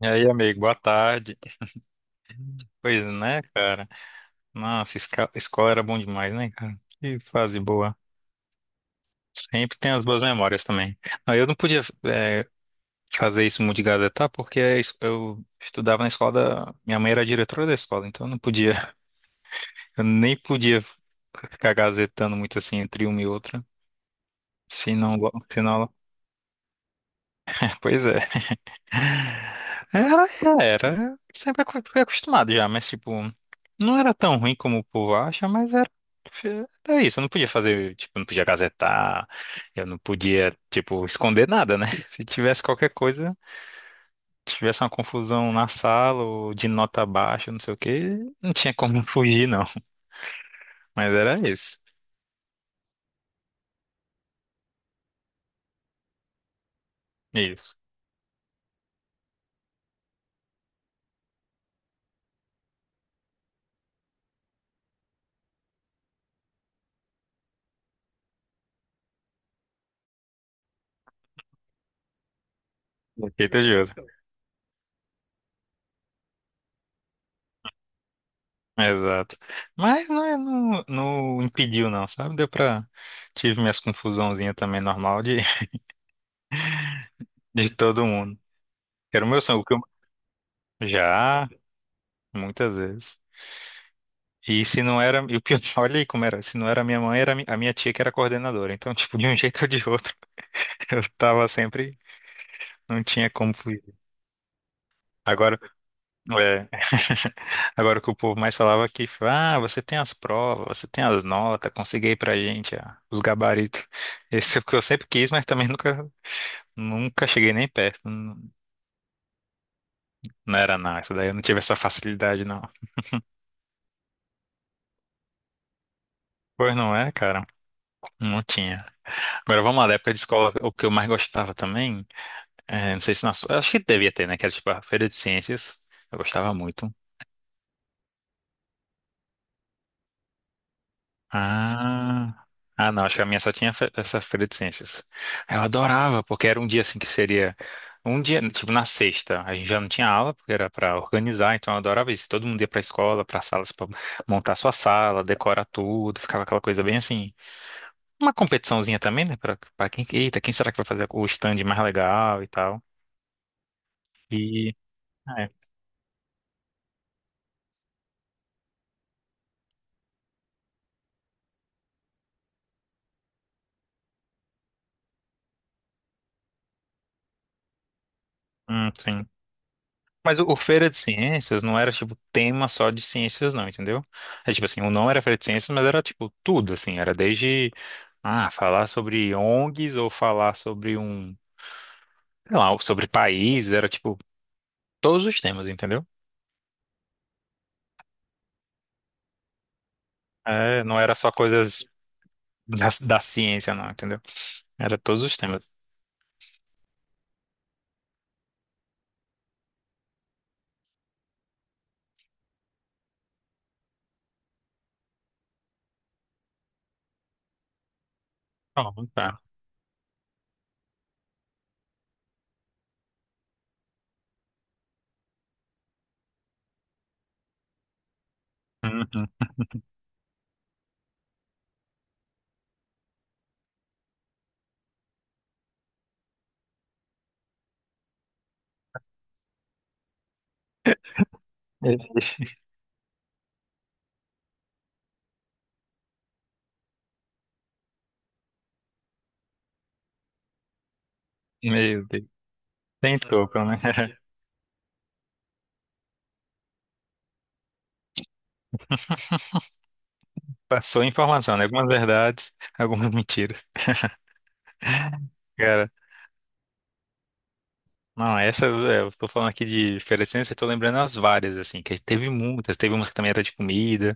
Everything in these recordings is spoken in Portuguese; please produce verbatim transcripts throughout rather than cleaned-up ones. E aí, amigo, boa tarde. Pois né, cara? Nossa, esca- escola era bom demais, né, cara? Que fase boa. Sempre tem as boas memórias também. Não, eu não podia é, fazer isso muito de gazetar, porque a es- eu estudava na escola da... Minha mãe era diretora da escola, então eu não podia... Eu nem podia ficar gazetando muito assim entre uma e outra. Se não... go- Se não... Pois é. Era, era. Sempre acu- fui acostumado já, mas tipo, não era tão ruim como o povo acha, mas era, era isso. Eu não podia fazer, tipo, não podia gazetar, eu não podia, tipo, esconder nada, né? Se tivesse qualquer coisa, tivesse uma confusão na sala ou de nota baixa, não sei o quê, não tinha como fugir, não. Mas era isso. Isso. Efeito Josa. Exato. Mas não, é, não, não impediu, não, sabe? Deu pra. Tive minhas confusãozinhas também normal de, de todo mundo. Era o meu sonho. o que eu- Já, muitas vezes. E se não era. E o pior, olha aí como era. Se não era minha mãe, era mi- a minha tia que era coordenadora. Então, tipo, de um jeito ou de outro, eu tava sempre. Não tinha como fugir. Agora, é, agora o que o povo mais falava aqui, ah, você tem as provas, você tem as notas, consegui aí pra gente, ah, os gabaritos. Esse é o que eu sempre quis, mas também nunca, nunca cheguei nem perto. Não, não era nada. Isso daí eu não tive essa facilidade, não. Pois não é, cara? Não tinha. Agora vamos lá, da época de escola, o que eu mais gostava também, é, não sei se na sua, eu acho que devia ter, né, que era tipo a feira de ciências, eu gostava muito. Ah, ah não, acho que a minha só tinha fe- essa feira de ciências. Eu adorava, porque era um dia assim que seria, um dia, tipo na sexta, a gente já não tinha aula, porque era para organizar, então eu adorava isso, todo mundo ia pra escola, pra salas, para montar sua sala, decorar tudo, ficava aquela coisa bem assim, uma competiçãozinha também, né, para para quem, eita, quem será que vai fazer o stand mais legal e tal. E... é. Hum, sim. Mas o, o Feira de Ciências não era, tipo, tema só de ciências, não, entendeu? É tipo assim, o não era Feira de Ciências, mas era, tipo, tudo, assim. Era desde, ah, falar sobre O N Gs ou falar sobre um, sei lá, sobre país. Era, tipo, todos os temas, entendeu? É, não era só coisas da, da ciência, não, entendeu? Era todos os temas. Bom, tá. Uhum. Meu Deus. Tentou, pelo menos. Passou informação, né? Algumas verdades, algumas mentiras. Cara, não, essa é, eu tô falando aqui de oferecendo, eu tô lembrando as várias, assim, que teve muitas, teve umas que também era de comida,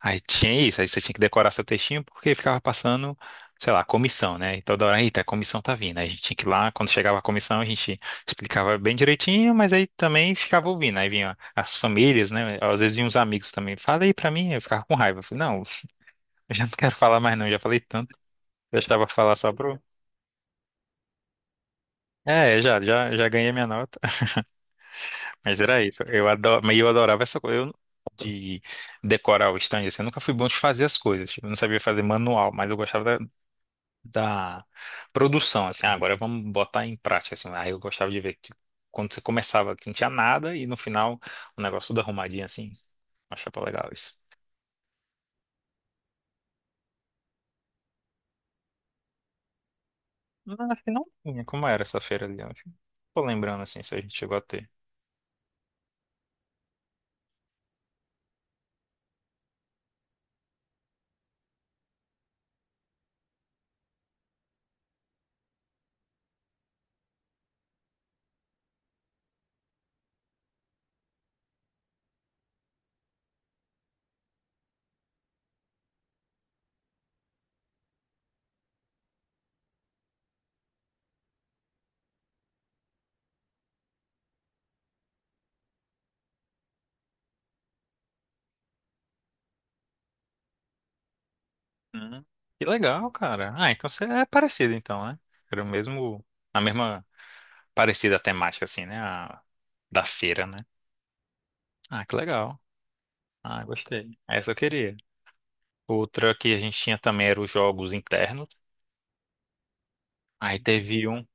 aí tinha isso, aí você tinha que decorar seu textinho porque ficava passando, sei lá, comissão, né? E toda hora, eita, a comissão tá vindo. Aí a gente tinha que ir lá, quando chegava a comissão, a gente explicava bem direitinho, mas aí também ficava ouvindo, aí vinha as famílias, né? Às vezes vinham os amigos também, fala aí pra mim, eu ficava com raiva, eu falei, não, eu já não quero falar mais não, já falei tanto, eu estava a falar só pro... É, já, já, já ganhei minha nota. Mas era isso. Eu adoro, mas eu adorava essa coisa eu- de decorar o stand. Assim, eu nunca fui bom de fazer as coisas. Tipo, eu não sabia fazer manual, mas eu gostava da, da produção. Assim, ah, agora vamos botar em prática. Assim, aí eu gostava de ver que quando você começava que não tinha nada e no final o negócio tudo arrumadinho assim. Achava legal isso. Não, acho que não tinha. Como era essa feira ali? Eu acho que- não tô lembrando assim, se a gente chegou a ter. Hum, que legal, cara. Ah, então você é parecido então, né? Era o mesmo, a mesma parecida temática assim, né? Da feira, né? Ah, que legal. Ah, gostei. Essa eu queria. Outra que a gente tinha também era os jogos internos. Aí teve um.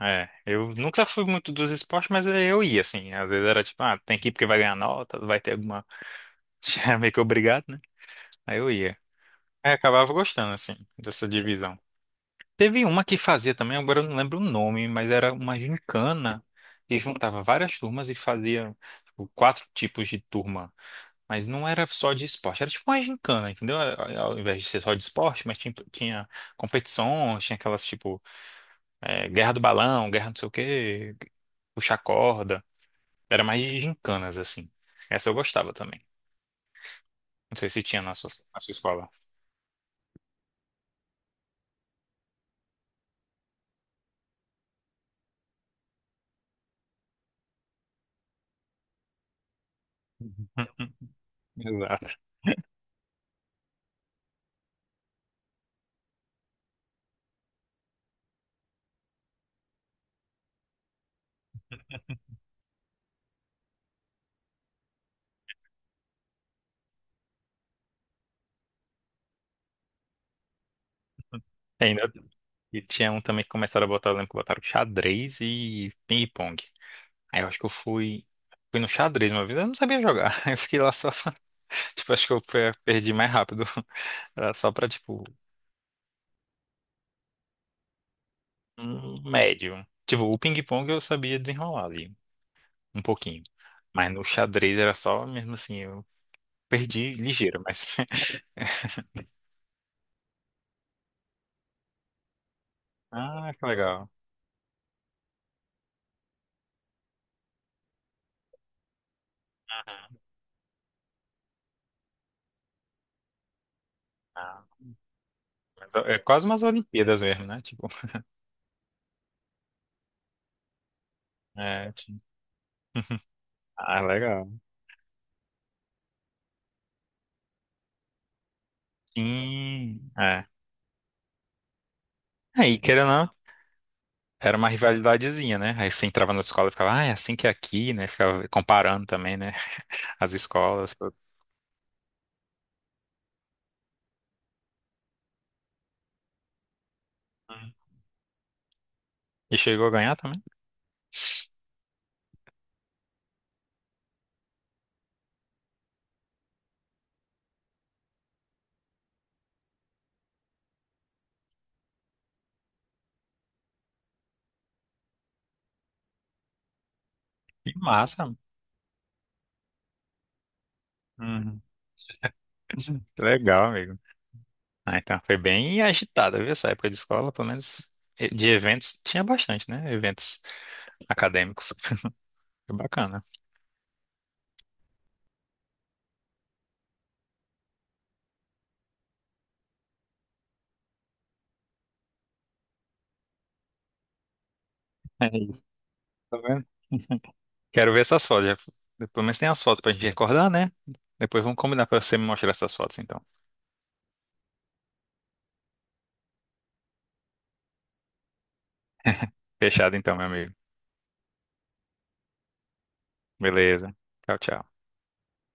É, eu nunca fui muito dos esportes, mas é, eu ia, assim. Às vezes era tipo, ah, tem que ir porque vai ganhar nota, vai ter alguma. Era meio que obrigado, né? Aí eu ia. Aí acabava gostando, assim, dessa divisão. Teve uma que fazia também, agora eu não lembro o nome, mas era uma gincana que juntava várias turmas e fazia, tipo, quatro tipos de turma. Mas não era só de esporte, era tipo uma gincana, entendeu? Era- Ao invés de ser só de esporte, mas tinha, tinha competições, tinha aquelas tipo é, guerra do balão, guerra não sei o quê, puxar corda. Era mais de gincanas, assim. Essa eu gostava também. Não sei se tinha na sua, na sua escola. Exato. Ainda, e tinha um também que começaram a botar, eu lembro que botaram xadrez e ping-pong. Aí eu acho que eu fui, fui no xadrez uma vez, eu não sabia jogar. Aí eu fiquei lá só. Tipo, acho que eu pe- perdi mais rápido. Era só pra, tipo, um médio. Tipo, o ping-pong eu sabia desenrolar ali, um pouquinho. Mas no xadrez era só mesmo assim, eu perdi ligeiro, mas. Ah, que legal. Aham. Ah, mas é quase umas Olimpíadas mesmo, né? Tipo, é. Tipo- Ah, legal. Sim, é. Aí, querendo ou não. Era uma rivalidadezinha, né? Aí você entrava na escola e ficava, ah, é assim que é aqui, né? Ficava comparando também, né? As escolas. Tudo. Uhum. E chegou a ganhar também? Que massa. Uhum. Que legal, amigo. Ah, então, foi bem agitada, viu? Essa época de escola, pelo menos e- de eventos, tinha bastante, né? Eventos acadêmicos. Foi bacana. É isso. Tá vendo? Quero ver essas fotos. já- Pelo menos tem as fotos pra gente recordar, né? Depois vamos combinar pra você me mostrar essas fotos, então. Fechado, então, meu amigo. Beleza. Tchau, tchau.